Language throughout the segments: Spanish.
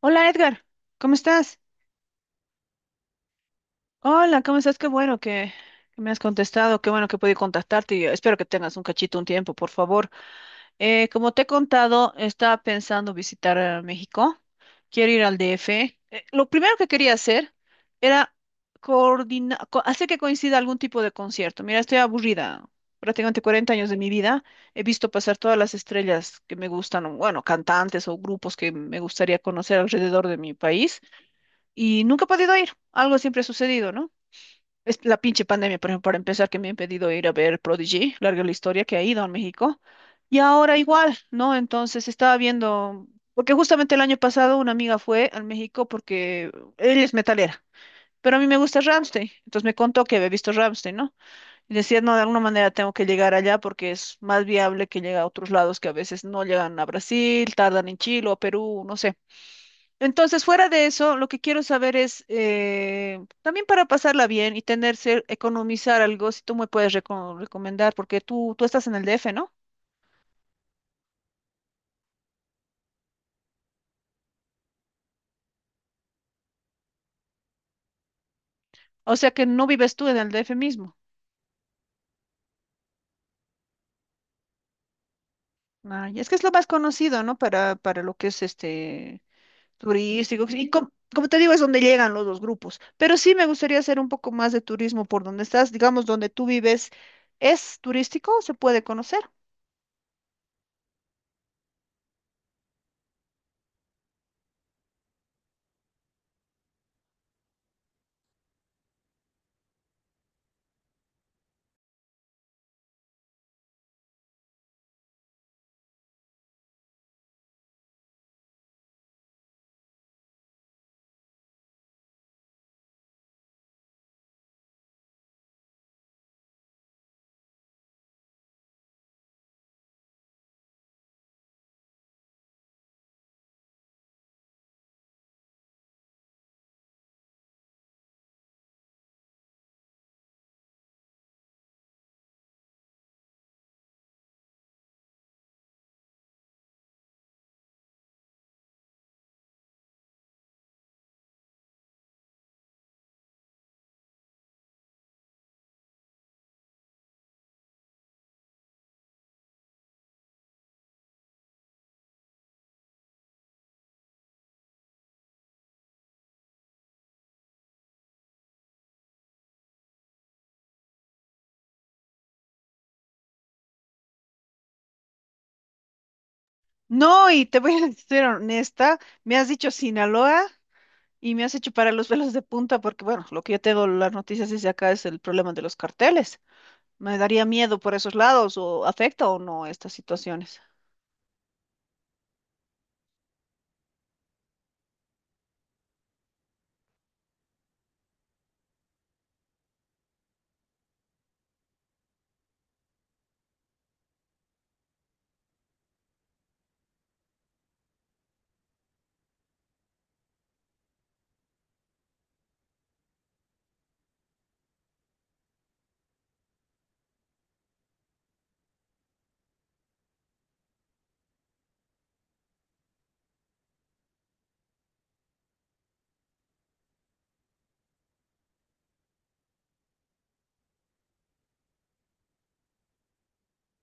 Hola, Edgar, ¿cómo estás? Hola, ¿cómo estás? Qué bueno que me has contestado, qué bueno que pude contactarte y espero que tengas un cachito, un tiempo, por favor. Como te he contado, estaba pensando visitar México, quiero ir al DF. Lo primero que quería hacer era coordinar, hacer que coincida algún tipo de concierto. Mira, estoy aburrida, prácticamente 40 años de mi vida he visto pasar todas las estrellas que me gustan, o, bueno, cantantes o grupos que me gustaría conocer alrededor de mi país, y nunca he podido ir. Algo siempre ha sucedido, ¿no? Es la pinche pandemia, por ejemplo, para empezar, que me ha impedido ir a ver Prodigy, larga la historia que ha ido a México. Y ahora igual, ¿no? Entonces estaba viendo, porque justamente el año pasado una amiga fue al México porque ella es metalera, pero a mí me gusta Ramstein, entonces me contó que había visto Ramstein, ¿no? Y decía, no, de alguna manera tengo que llegar allá porque es más viable que llegue a otros lados que a veces no llegan a Brasil, tardan en Chile o Perú, no sé. Entonces, fuera de eso, lo que quiero saber es, también para pasarla bien y tener, ser- economizar algo, si tú me puedes reco- recomendar, porque tú estás en el DF, ¿no? O sea que no vives tú en el DF mismo. Ay, es que es lo más conocido, ¿no? Para lo que es este turístico. Y com- como te digo, es donde llegan los dos grupos. Pero sí me gustaría hacer un poco más de turismo por donde estás, digamos, donde tú vives, ¿es turístico? ¿Se puede conocer? No, y te voy a ser honesta, me has dicho Sinaloa. Y me hace chupar a los pelos de punta porque, bueno, lo que yo tengo las noticias desde acá es el problema de los carteles. Me daría miedo por esos lados o afecta o no estas situaciones.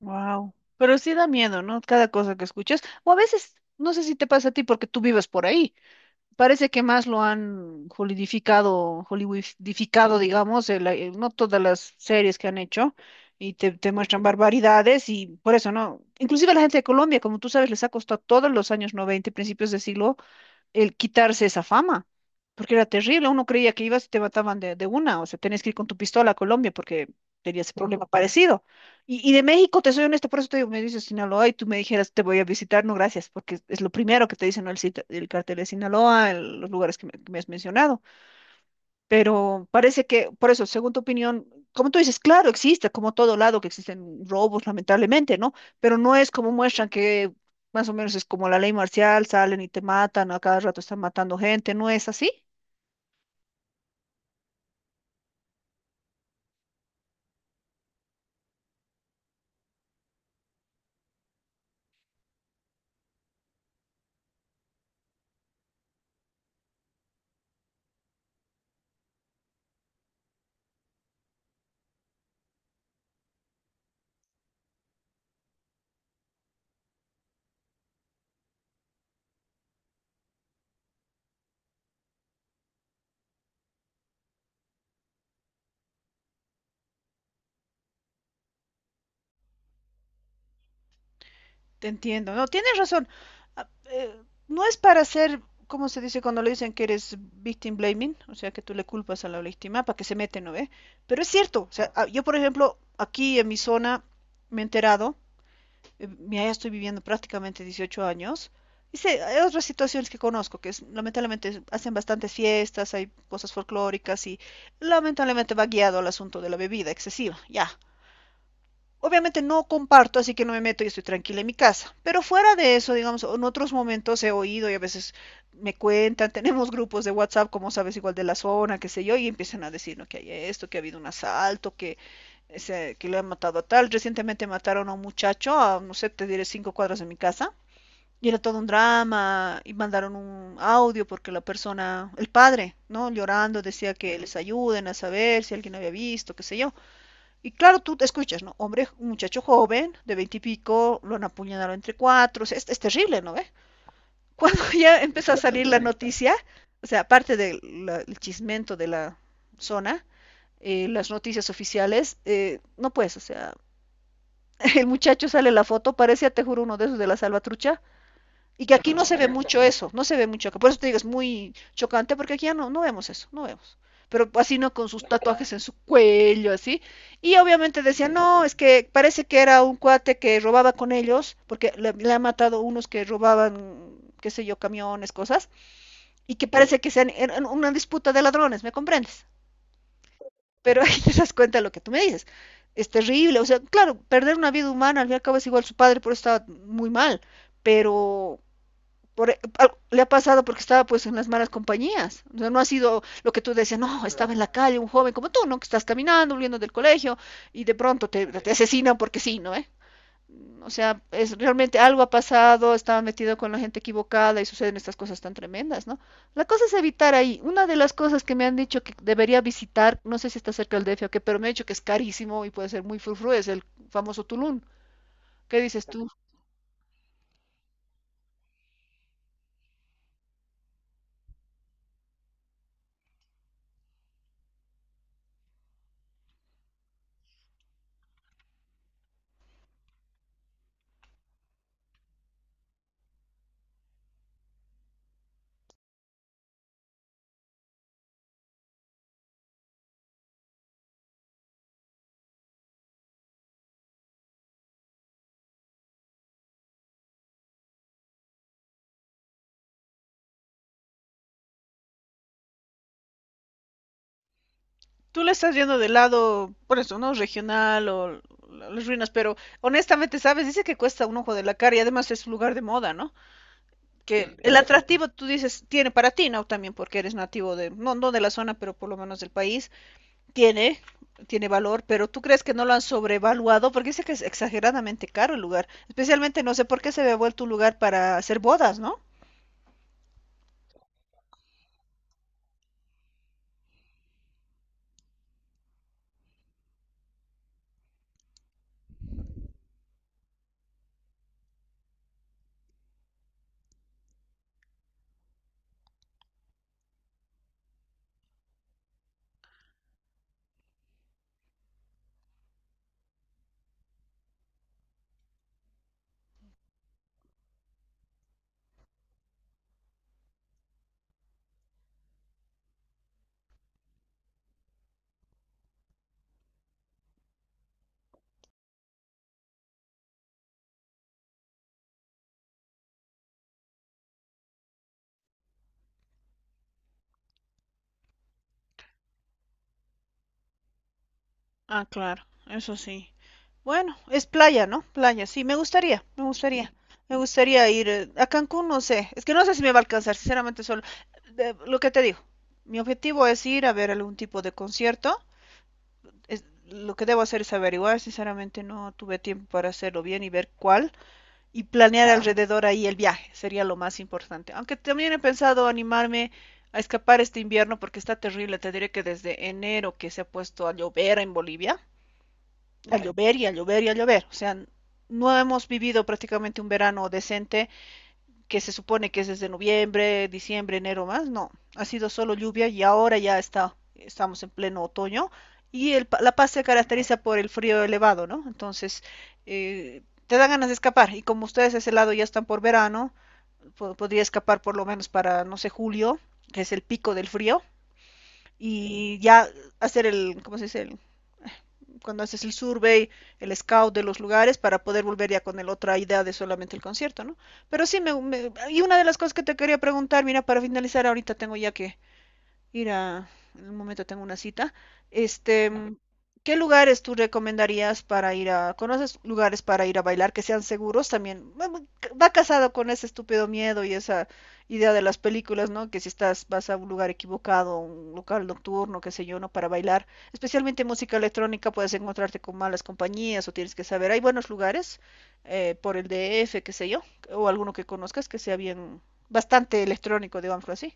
Wow. Pero sí da miedo, ¿no? Cada cosa que escuchas. O a veces, no sé si te pasa a ti porque tú vives por ahí. Parece que más lo han holidificado, hollywoodificado, digamos, el- no todas las series que han hecho y te muestran barbaridades y por eso, ¿no? Inclusive la gente de Colombia, como tú sabes, les ha costado todos los años 90 y principios de siglo el quitarse esa fama, porque era terrible, uno creía que ibas y te mataban de una, o sea, tenías que ir con tu pistola a Colombia porque tenías ese problema parecido. Y de México, te soy honesta, por eso te digo, me dices Sinaloa y tú me dijeras, te voy a visitar, no gracias, porque es lo primero que te dicen, ¿no? El, cita- el cartel de Sinaloa, el- los lugares que me has mencionado. Pero parece que, por eso, según tu opinión, como tú dices, claro, existe, como todo lado que existen robos, lamentablemente, ¿no? Pero no es como muestran que más o menos es como la ley marcial, salen y te matan, a cada rato están matando gente, ¿no es así? Te entiendo, no, tienes razón. Ah, eh, no es para ser, ¿cómo se dice cuando le dicen que eres victim blaming? O sea, que tú le culpas a la víctima para que se mete, ¿no ve? Pero es cierto, o sea, ah, yo por ejemplo, aquí en mi zona me he enterado, mira, ya estoy viviendo prácticamente 18 años. Y sé, hay otras situaciones que conozco, que es- lamentablemente hacen bastantes fiestas, hay cosas folclóricas y lamentablemente va guiado al asunto de la bebida excesiva, ya. Obviamente no comparto, así que no me meto y estoy tranquila en mi casa. Pero fuera de eso, digamos, en otros momentos he oído y a veces me cuentan, tenemos grupos de WhatsApp, como sabes, igual de la zona, qué sé yo, y empiezan a decir, no, que hay esto, que ha habido un asalto, que, ese- que le han matado a tal. Recientemente mataron a un muchacho, a, no sé, te diré 5 cuadras de mi casa. Y era todo un drama, y mandaron un audio porque la persona, el padre, ¿no? Llorando, decía que les ayuden a saber si alguien había visto, qué sé yo. Y claro, tú te escuchas, ¿no? Hombre, un muchacho joven, de veintipico, lo han apuñalado entre cuatro, o sea, es terrible, ¿no ve? ¿Eh? Cuando ya empezó a salir la noticia, o sea, aparte del el chismento de la zona, las noticias oficiales, no pues, o sea, el muchacho sale la foto, parecía, te juro, uno de esos de la salvatrucha, y que aquí no se ve mucho eso, no se ve mucho acá. Por eso te digo, es muy chocante porque aquí ya no, no vemos eso, no vemos. Pero así no con sus tatuajes en su cuello, así. Y obviamente decía, no, es que parece que era un cuate que robaba con ellos, porque le han matado unos que robaban, qué sé yo, camiones, cosas, y que parece que sean eran una disputa de ladrones, ¿me comprendes? Pero ahí te das cuenta de lo que tú me dices. Es terrible, o sea, claro, perder una vida humana, al fin y al cabo es igual su padre, por eso estaba muy mal, pero por, e, al- le ha pasado porque estaba pues en las malas compañías. O sea, no ha sido lo que tú decías, no, estaba en la calle un joven como tú, ¿no? Que estás caminando, huyendo del colegio y de pronto te, te asesinan porque sí, ¿no? ¿Eh? O sea, es realmente algo ha pasado, estaba metido con la gente equivocada y suceden estas cosas tan tremendas, ¿no? La cosa es evitar ahí. Una de las cosas que me han dicho que debería visitar, no sé si está cerca del DF o qué, pero me han dicho que es carísimo y puede ser muy frufru, es el famoso Tulum. ¿Qué dices tú? Tú le estás yendo del lado, por eso, ¿no? Regional o la- las ruinas, pero honestamente, ¿sabes? Dice que cuesta un ojo de la cara y además es un lugar de moda, ¿no? Que el atractivo, tú dices, tiene para ti, ¿no? También porque eres nativo de, no, no de la zona, pero por lo menos del país, tiene, tiene valor, pero ¿tú crees que no lo han sobrevaluado? Porque dice que es exageradamente caro el lugar, especialmente no sé por qué se había vuelto un lugar para hacer bodas, ¿no? Ah, claro, eso sí. Bueno, es playa, ¿no? Playa, sí, me gustaría, me gustaría. Me gustaría ir a Cancún, no sé. Es que no sé si me va a alcanzar, sinceramente, solo. De- lo que te digo, mi objetivo es ir a ver algún tipo de concierto. Es, lo que debo hacer es averiguar, sinceramente, no tuve tiempo para hacerlo bien y ver cuál. Y planear Claro. alrededor ahí el viaje, sería lo más importante. Aunque también he pensado animarme a escapar este invierno porque está terrible. Te diré que desde enero que se ha puesto a llover en Bolivia a llover y a llover y a llover. O sea, no hemos vivido prácticamente un verano decente que se supone que es desde noviembre, diciembre, enero más. No, ha sido solo lluvia y ahora ya está, estamos en pleno otoño. Y el, La Paz se caracteriza por el frío elevado, ¿no? Entonces, te dan ganas de escapar. Y como ustedes a ese lado ya están por verano, po podría escapar por lo menos para, no sé, julio, que es el pico del frío. Y ya hacer el, ¿cómo se dice? El, cuando haces el survey, el scout de los lugares para poder volver ya con el otra idea de solamente el concierto, ¿no? Pero sí, me- y una de las cosas que te quería preguntar, mira, para finalizar ahorita tengo ya que ir a, en un momento tengo una cita. Este, ¿qué lugares tú recomendarías para ir a, conoces lugares para ir a bailar que sean seguros también? Va va- va casado con ese estúpido miedo y esa idea de las películas, ¿no? Que si estás, vas a un lugar equivocado, un local nocturno, qué sé yo, ¿no? Para bailar, especialmente música electrónica, puedes encontrarte con malas compañías o tienes que saber, hay buenos lugares, por el DF, qué sé yo, o alguno que conozcas que sea bien, bastante electrónico, digámoslo así.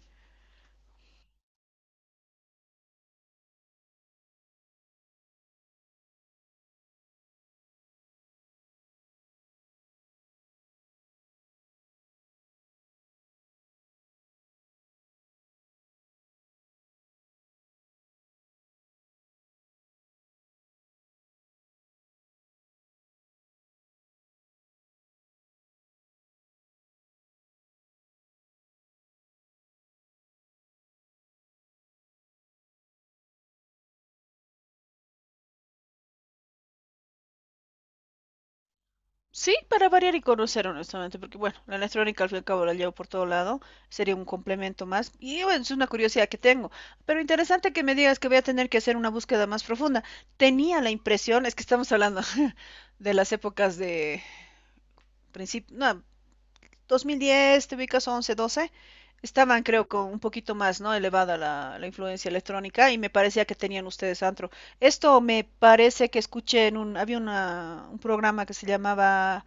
Sí, para variar y conocer honestamente, porque bueno, la electrónica al fin y al cabo la llevo por todo lado, sería un complemento más, y bueno, es una curiosidad que tengo, pero interesante que me digas que voy a tener que hacer una búsqueda más profunda. Tenía la impresión, es que estamos hablando de las épocas de principio, no, 2010, te ubicas 11, 12, estaban creo con un poquito más, ¿no? Elevada la, la influencia electrónica y me parecía que tenían ustedes antro. Esto me parece que escuché en un, había una, un programa que se llamaba...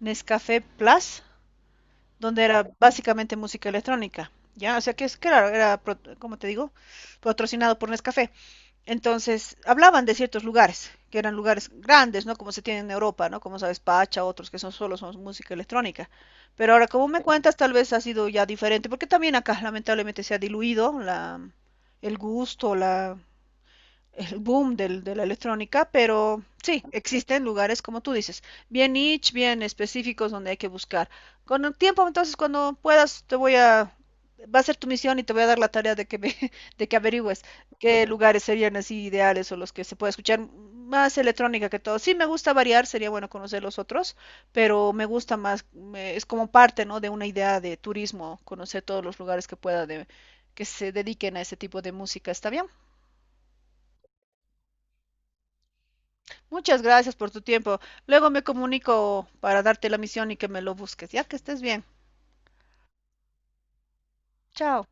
Nescafé Plus, donde era básicamente música electrónica. Ya, o sea que es claro, era, pro- como te digo, patrocinado por Nescafé. Entonces, hablaban de ciertos lugares, que eran lugares grandes, ¿no? Como se tiene en Europa, ¿no? Como sabes, Pacha, otros que son solo son música electrónica. Pero ahora, como me cuentas, tal vez ha sido ya diferente, porque también acá lamentablemente se ha diluido la, el gusto, la, el boom del- de la electrónica, pero sí, existen lugares, como tú dices, bien niche, bien específicos donde hay que buscar. Con el tiempo, entonces, cuando puedas, te voy a, va a ser tu misión y te voy a dar la tarea de que me- de que averigües qué lugares serían así ideales o los que se puede escuchar más electrónica que todo. Sí, me gusta variar, sería bueno conocer los otros, pero me gusta más, me- es como parte, ¿no? de una idea de turismo, conocer todos los lugares que pueda de, que se dediquen a ese tipo de música. ¿Está bien? Muchas gracias por tu tiempo. Luego me comunico para darte la misión y que me lo busques, ya que estés bien. Chao.